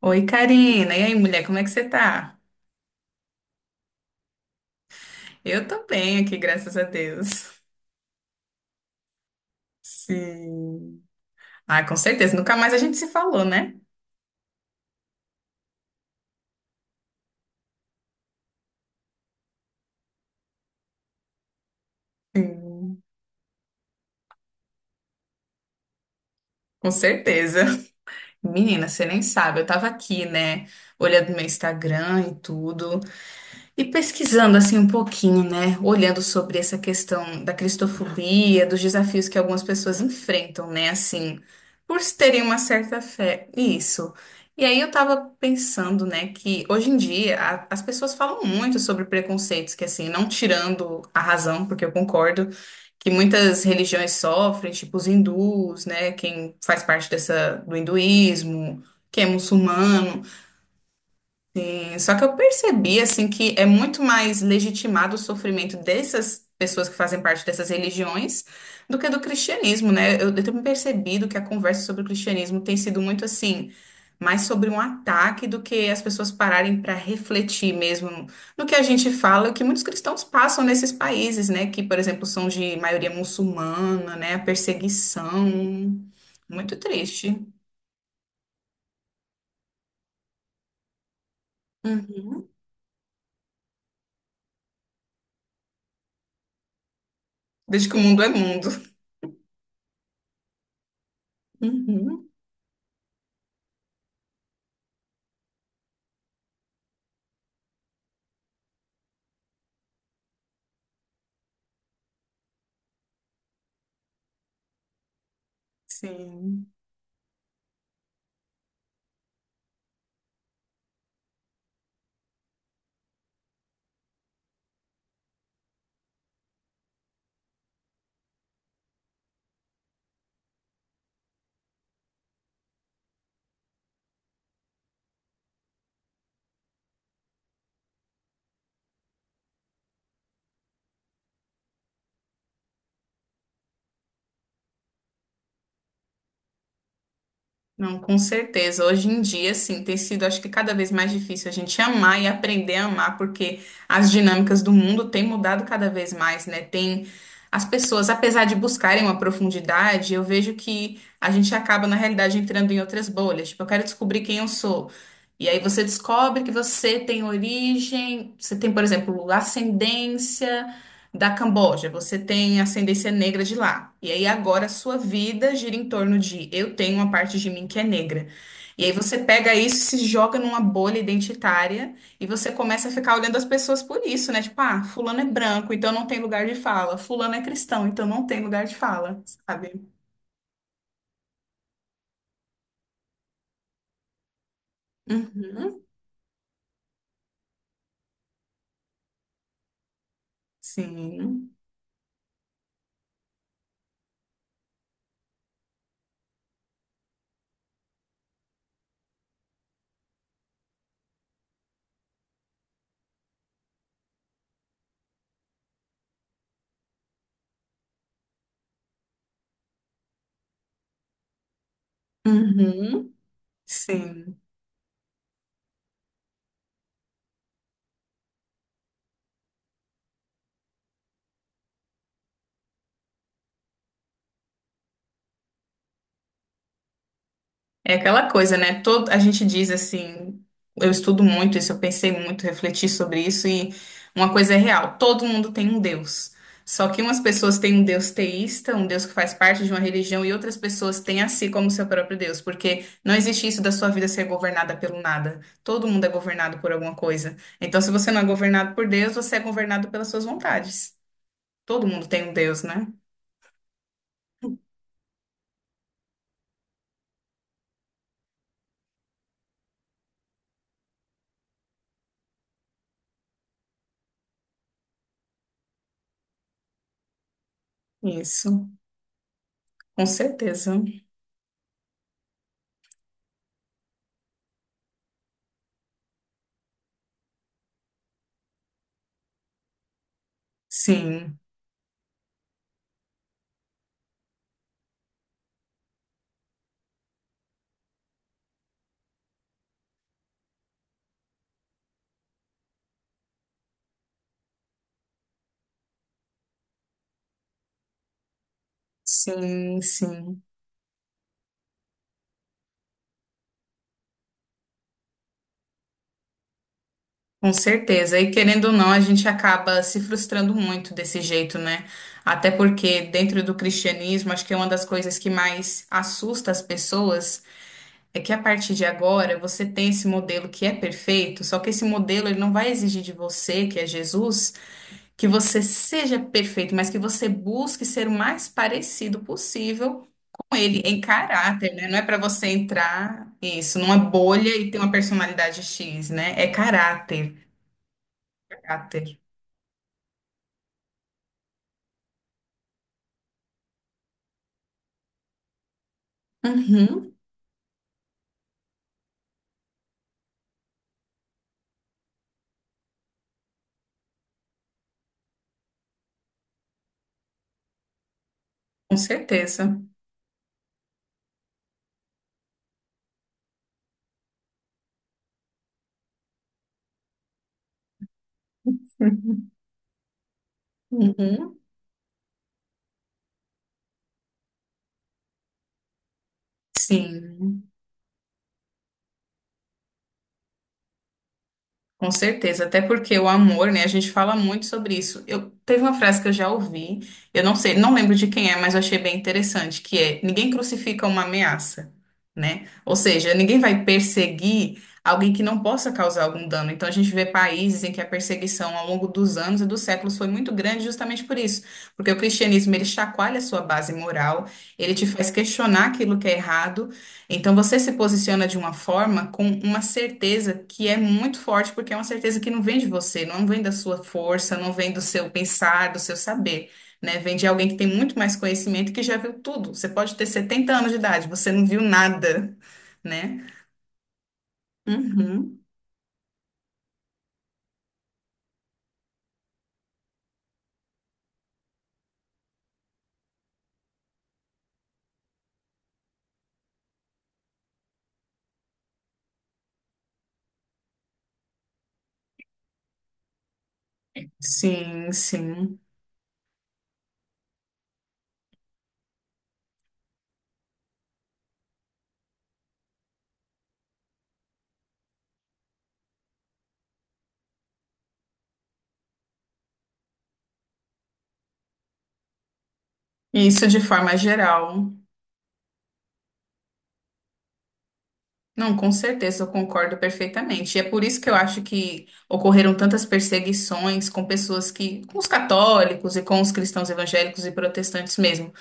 Oi, Karina. E aí, mulher, como é que você tá? Eu tô bem aqui, graças a Deus. Sim. Ah, com certeza. Nunca mais a gente se falou, né? Sim. Com certeza. Menina, você nem sabe. Eu tava aqui, né? Olhando meu Instagram e tudo. E pesquisando assim um pouquinho, né, olhando sobre essa questão da cristofobia, dos desafios que algumas pessoas enfrentam, né, assim, por se terem uma certa fé, isso. E aí eu tava pensando, né, que hoje em dia as pessoas falam muito sobre preconceitos, que assim, não tirando a razão, porque eu concordo que muitas religiões sofrem, tipo os hindus, né, quem faz parte dessa do hinduísmo, quem é muçulmano. Só que eu percebi assim que é muito mais legitimado o sofrimento dessas pessoas que fazem parte dessas religiões do que do cristianismo, né? Eu tenho percebido que a conversa sobre o cristianismo tem sido muito assim, mais sobre um ataque do que as pessoas pararem para refletir mesmo no que a gente fala, que muitos cristãos passam nesses países, né? Que, por exemplo, são de maioria muçulmana, né? A perseguição. Muito triste. Uhum. Desde que o mundo é mundo. Uhum. Sim. Não, com certeza. Hoje em dia, sim, tem sido, acho que cada vez mais difícil a gente amar e aprender a amar, porque as dinâmicas do mundo têm mudado cada vez mais, né? Tem as pessoas, apesar de buscarem uma profundidade, eu vejo que a gente acaba, na realidade, entrando em outras bolhas. Tipo, eu quero descobrir quem eu sou. E aí você descobre que você tem origem, você tem, por exemplo, ascendência da Camboja, você tem ascendência negra de lá. E aí agora a sua vida gira em torno de eu tenho uma parte de mim que é negra. E aí você pega isso, se joga numa bolha identitária e você começa a ficar olhando as pessoas por isso, né? Tipo, ah, fulano é branco, então não tem lugar de fala. Fulano é cristão, então não tem lugar de fala, sabe? Uhum, sim. Uhum, sim. É aquela coisa, né? Todo, a gente diz assim, eu estudo muito isso, eu pensei muito, refleti sobre isso e uma coisa é real, todo mundo tem um Deus. Só que umas pessoas têm um Deus teísta, um Deus que faz parte de uma religião, e outras pessoas têm a si como seu próprio Deus, porque não existe isso da sua vida ser governada pelo nada. Todo mundo é governado por alguma coisa. Então, se você não é governado por Deus, você é governado pelas suas vontades. Todo mundo tem um Deus, né? Isso, com certeza. Sim, sim, sim. Com certeza. E querendo ou não, a gente acaba se frustrando muito desse jeito, né? Até porque dentro do cristianismo, acho que é uma das coisas que mais assusta as pessoas é que a partir de agora você tem esse modelo que é perfeito, só que esse modelo ele não vai exigir de você, que é Jesus, que você seja perfeito, mas que você busque ser o mais parecido possível com ele em caráter, né? Não é para você entrar isso numa bolha e ter uma personalidade X, né? É caráter, caráter. Uhum, com certeza. Uhum. Sim, com certeza. Até porque o amor, né? A gente fala muito sobre isso. Eu teve uma frase que eu já ouvi, eu não sei, não lembro de quem é, mas eu achei bem interessante, que é ninguém crucifica uma ameaça, né? Ou seja, ninguém vai perseguir alguém que não possa causar algum dano. Então a gente vê países em que a perseguição ao longo dos anos e dos séculos foi muito grande justamente por isso, porque o cristianismo ele chacoalha a sua base moral, ele te faz questionar aquilo que é errado. Então você se posiciona de uma forma com uma certeza que é muito forte, porque é uma certeza que não vem de você, não vem da sua força, não vem do seu pensar, do seu saber, né? Vem de alguém que tem muito mais conhecimento e que já viu tudo. Você pode ter 70 anos de idade, você não viu nada, né? Uhum. Sim, sim. Isso de forma geral. Não, com certeza, eu concordo perfeitamente. E é por isso que eu acho que ocorreram tantas perseguições com pessoas que, com os católicos e com os cristãos evangélicos e protestantes mesmo.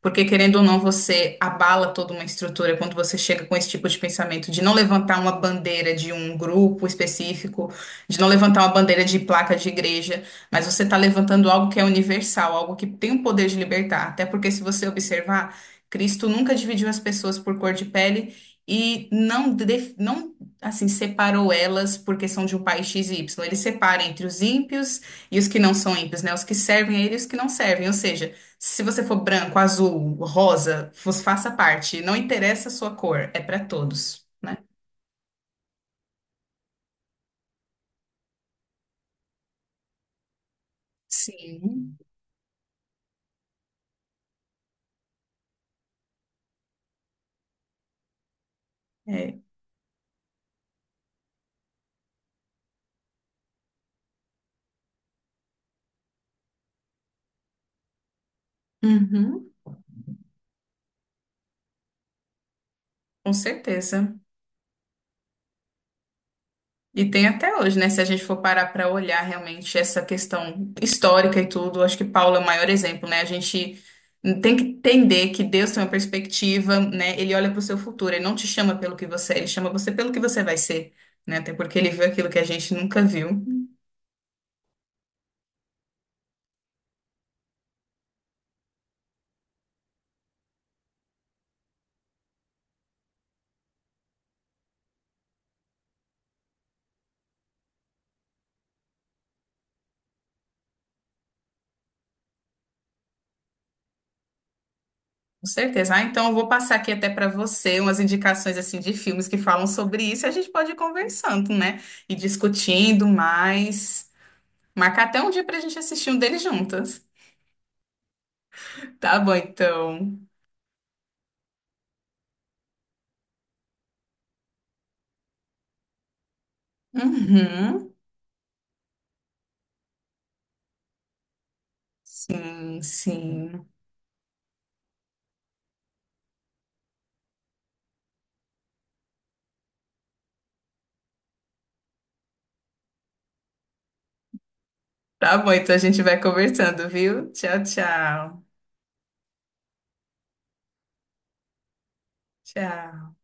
Porque, querendo ou não, você abala toda uma estrutura quando você chega com esse tipo de pensamento, de não levantar uma bandeira de um grupo específico, de não levantar uma bandeira de placa de igreja, mas você está levantando algo que é universal, algo que tem o poder de libertar. Até porque, se você observar, Cristo nunca dividiu as pessoas por cor de pele e não assim, separou elas por questão de um país X e Y. Ele separa entre os ímpios e os que não são ímpios, né? Os que servem a ele e os que não servem. Ou seja, se você for branco, azul, rosa, vos faça parte. Não interessa a sua cor, é para todos, né? Sim. É. Uhum, com certeza. E tem até hoje, né? Se a gente for parar para olhar realmente essa questão histórica e tudo, acho que Paulo é o maior exemplo, né? A gente tem que entender que Deus tem uma perspectiva, né? Ele olha para o seu futuro, ele não te chama pelo que você é, ele chama você pelo que você vai ser, né? Até porque ele viu aquilo que a gente nunca viu. Com certeza. Ah, então eu vou passar aqui até para você umas indicações assim de filmes que falam sobre isso. A gente pode ir conversando, né? E discutindo mais. Marcar até um dia para a gente assistir um deles juntas. Tá bom, então. Uhum. Sim, sim. Tá bom, então a gente vai conversando, viu? Tchau, tchau. Tchau.